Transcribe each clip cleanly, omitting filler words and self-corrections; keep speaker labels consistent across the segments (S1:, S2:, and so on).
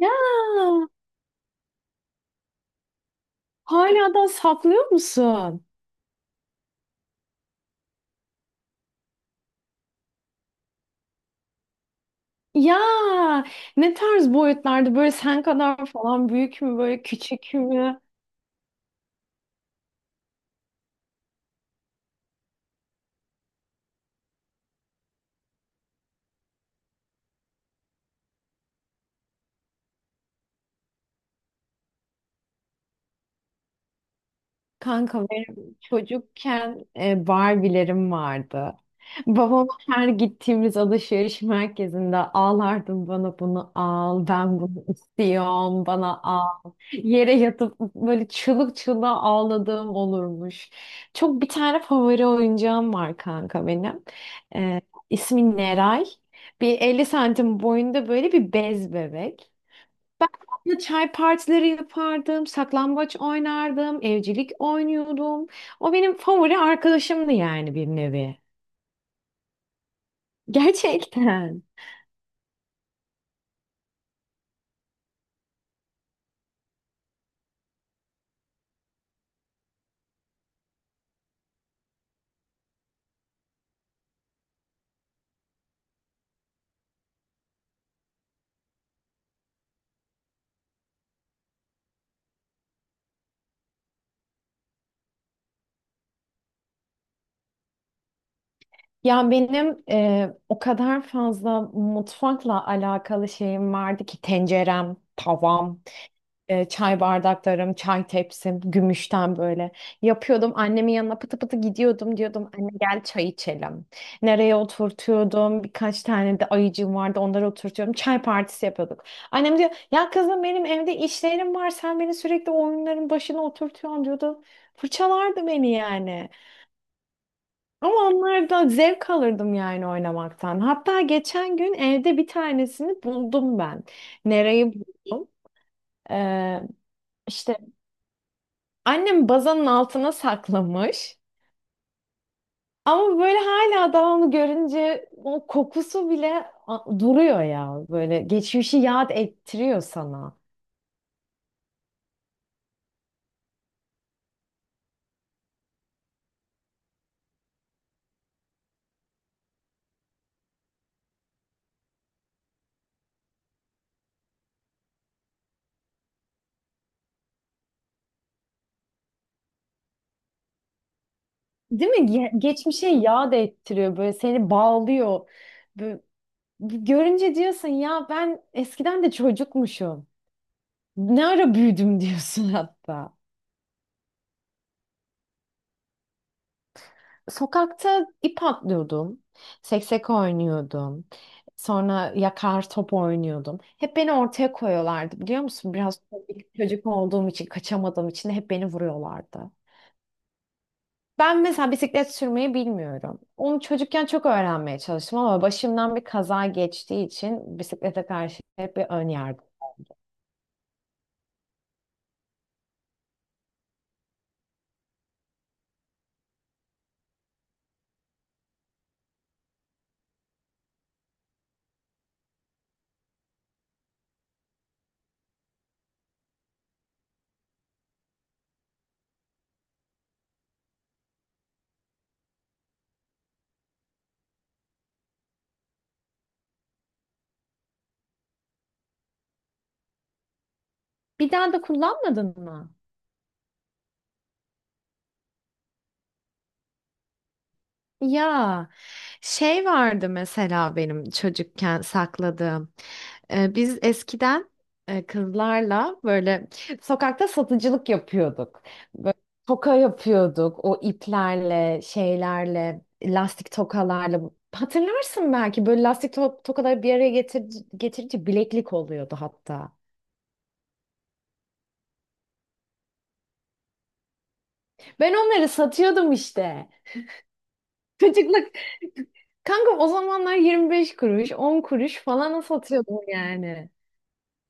S1: Ya, hala da saklıyor musun? Ya ne tarz boyutlarda, böyle sen kadar falan büyük mü, böyle küçük mü? Kanka benim çocukken Barbie'lerim vardı. Babam her gittiğimiz alışveriş merkezinde ağlardım, bana bunu al, ben bunu istiyorum, bana al. Yere yatıp böyle çığlık çığlığa ağladığım olurmuş. Çok bir tane favori oyuncağım var kanka benim. Ee, ismi Neray. Bir 50 santim boyunda böyle bir bez bebek. Ben onunla çay partileri yapardım, saklambaç oynardım, evcilik oynuyordum. O benim favori arkadaşımdı yani, bir nevi. Gerçekten. Ya benim o kadar fazla mutfakla alakalı şeyim vardı ki, tencerem, tavam. Çay bardaklarım, çay tepsim, gümüşten böyle yapıyordum. Annemin yanına pıtı pıtı gidiyordum, diyordum anne gel çay içelim. Nereye oturtuyordum? Birkaç tane de ayıcığım vardı, onları oturtuyordum. Çay partisi yapıyorduk. Annem diyor ya, kızım benim evde işlerim var, sen beni sürekli oyunların başına oturtuyorsun diyordu. Fırçalardı beni yani. Ama onlardan zevk alırdım yani, oynamaktan. Hatta geçen gün evde bir tanesini buldum ben. Nereyi buldum? Ee, işte annem bazanın altına saklamış. Ama böyle hala daha onu görünce o kokusu bile duruyor ya. Böyle geçmişi yad ettiriyor sana. Değil mi? Geçmişe yad ettiriyor. Böyle seni bağlıyor. Böyle görünce diyorsun ya, ben eskiden de çocukmuşum. Ne ara büyüdüm diyorsun hatta. Sokakta ip atlıyordum. Seksek oynuyordum. Sonra yakar top oynuyordum. Hep beni ortaya koyuyorlardı biliyor musun? Biraz komik çocuk olduğum için, kaçamadığım için de hep beni vuruyorlardı. Ben mesela bisiklet sürmeyi bilmiyorum. Onu çocukken çok öğrenmeye çalıştım ama başımdan bir kaza geçtiği için bisiklete karşı hep bir ön yargı. Bir daha da kullanmadın mı? Ya şey vardı mesela benim çocukken sakladığım. Biz eskiden kızlarla böyle sokakta satıcılık yapıyorduk. Böyle toka yapıyorduk, o iplerle, şeylerle, lastik tokalarla. Hatırlarsın belki, böyle lastik tokaları bir araya getirince bileklik oluyordu hatta. Ben onları satıyordum işte. Çocukluk. Kanka o zamanlar 25 kuruş, 10 kuruş falan satıyordum yani.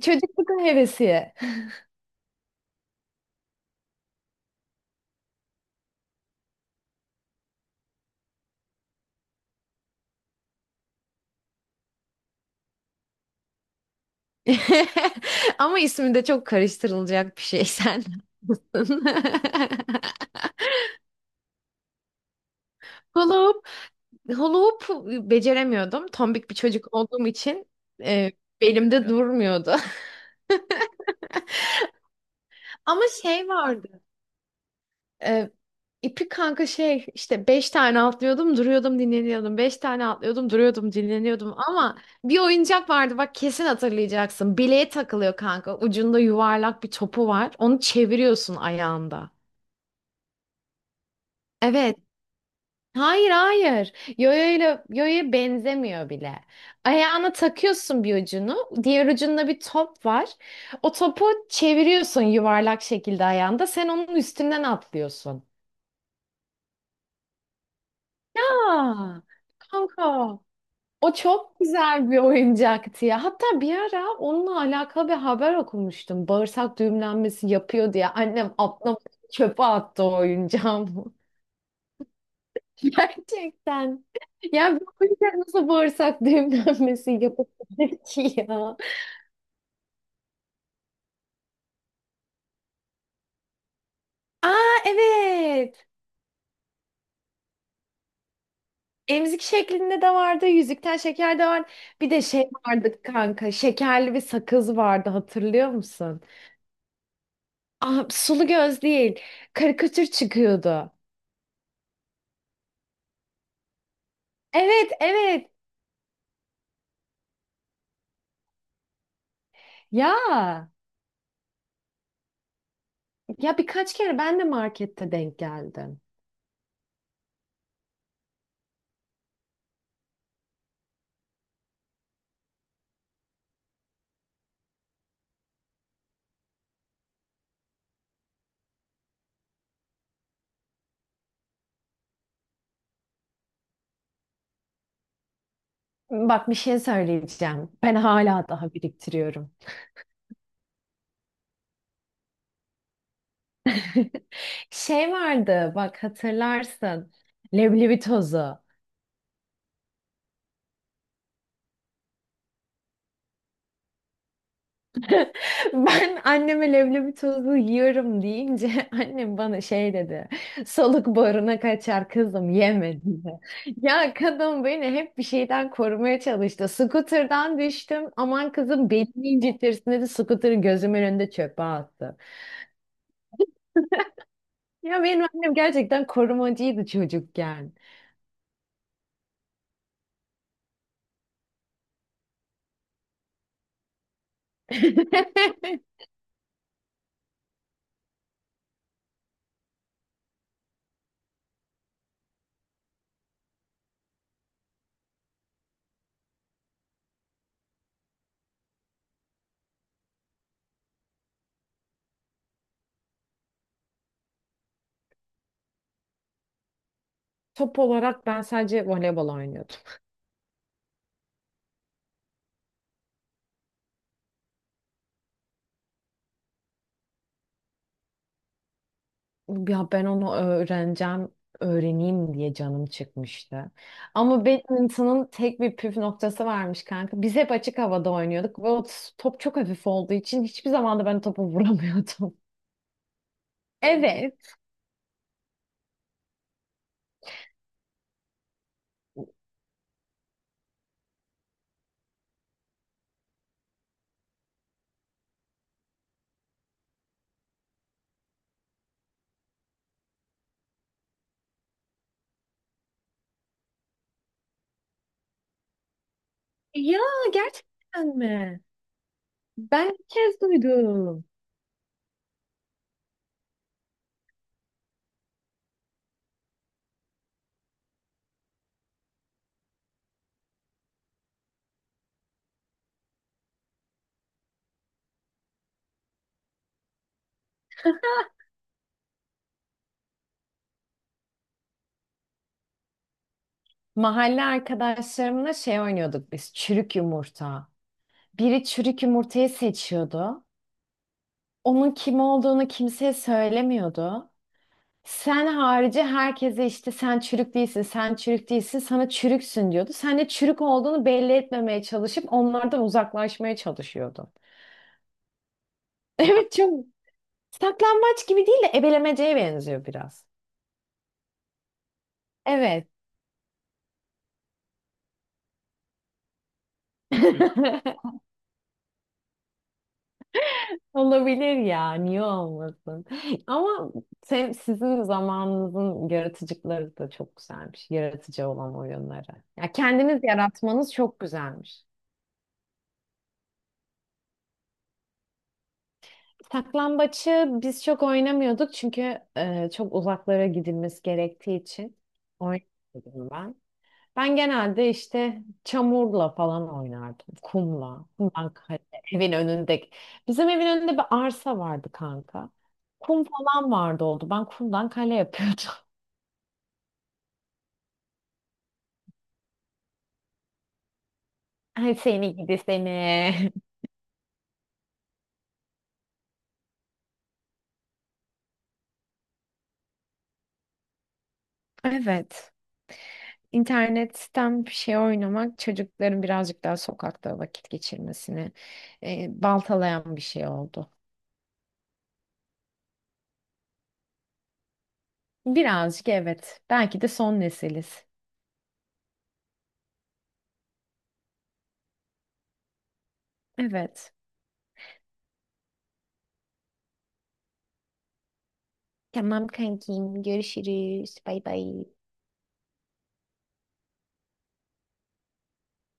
S1: Çocukluk hevesi. Ama ismi de çok karıştırılacak bir şey sen. Haklısın. Hula hoop, hula hoop beceremiyordum. Tombik bir çocuk olduğum için e, belimde durmuyordu. Ama şey vardı. E, ipi kanka şey işte, beş tane atlıyordum, duruyordum, dinleniyordum. Beş tane atlıyordum, duruyordum, dinleniyordum. Ama bir oyuncak vardı, bak kesin hatırlayacaksın. Bileğe takılıyor kanka. Ucunda yuvarlak bir topu var. Onu çeviriyorsun ayağında. Evet. Hayır, hayır. Yoyoyla yoyoya benzemiyor bile. Ayağına takıyorsun bir ucunu. Diğer ucunda bir top var. O topu çeviriyorsun yuvarlak şekilde ayağında. Sen onun üstünden atlıyorsun. Aa, kanka. O çok güzel bir oyuncaktı ya. Hatta bir ara onunla alakalı bir haber okumuştum. Bağırsak düğümlenmesi yapıyor diye. Annem atlamış çöpe attı o oyuncağı. Gerçekten. Ya bu yüzden nasıl bağırsak düğümlenmesi yapabilir ki ya? Aa, evet. Emzik şeklinde de vardı. Yüzükten şeker de vardı. Bir de şey vardı kanka. Şekerli bir sakız vardı, hatırlıyor musun? Aa, sulu göz değil. Karikatür çıkıyordu. Evet, evet. Ya, ya birkaç kere ben de markette denk geldim. Bak bir şey söyleyeceğim. Ben hala daha biriktiriyorum. Şey vardı bak, hatırlarsın. Leblebi tozu. Ben anneme leblebi tozu yiyorum deyince annem bana şey dedi. Soluk boruna kaçar kızım yeme dedi. Ya kadın beni hep bir şeyden korumaya çalıştı. Scooter'dan düştüm. Aman kızım belini incitirsin dedi. Scooter'ı gözümün önünde çöpe attı. Ya benim annem gerçekten korumacıydı çocukken. Top olarak ben sadece voleybol oynuyordum. Ya ben onu öğreneceğim, öğreneyim diye canım çıkmıştı. Ama badminton'ın tek bir püf noktası varmış kanka. Biz hep açık havada oynuyorduk ve o top çok hafif olduğu için hiçbir zaman da ben topu vuramıyordum. Evet. Ya, gerçekten mi? Ben ilk kez duydum. Mahalle arkadaşlarımla şey oynuyorduk biz, çürük yumurta. Biri çürük yumurtayı seçiyordu. Onun kim olduğunu kimseye söylemiyordu. Sen harici herkese işte sen çürük değilsin, sen çürük değilsin, sana çürüksün diyordu. Sen de çürük olduğunu belli etmemeye çalışıp onlardan uzaklaşmaya çalışıyordu. Evet, çok saklambaç gibi değil de ebelemeceye benziyor biraz. Evet. Olabilir ya, niye olmasın? Ama sen, sizin zamanınızın yaratıcıları da çok güzelmiş. Yaratıcı olan oyunları. Ya kendiniz yaratmanız çok güzelmiş. Saklambaçı biz çok oynamıyorduk çünkü çok uzaklara gidilmesi gerektiği için oynamadım ben. Ben genelde işte çamurla falan oynardım, kumla, kumdan kale, evin önündeki. Bizim evin önünde bir arsa vardı kanka. Kum falan vardı oldu. Ben kumdan kale yapıyordum. Ay seni gidi seni. Evet. İnternetten bir şey oynamak çocukların birazcık daha sokakta vakit geçirmesini baltalayan bir şey oldu. Birazcık evet. Belki de son nesiliz. Evet. Tamam kankim, görüşürüz. Bay bay.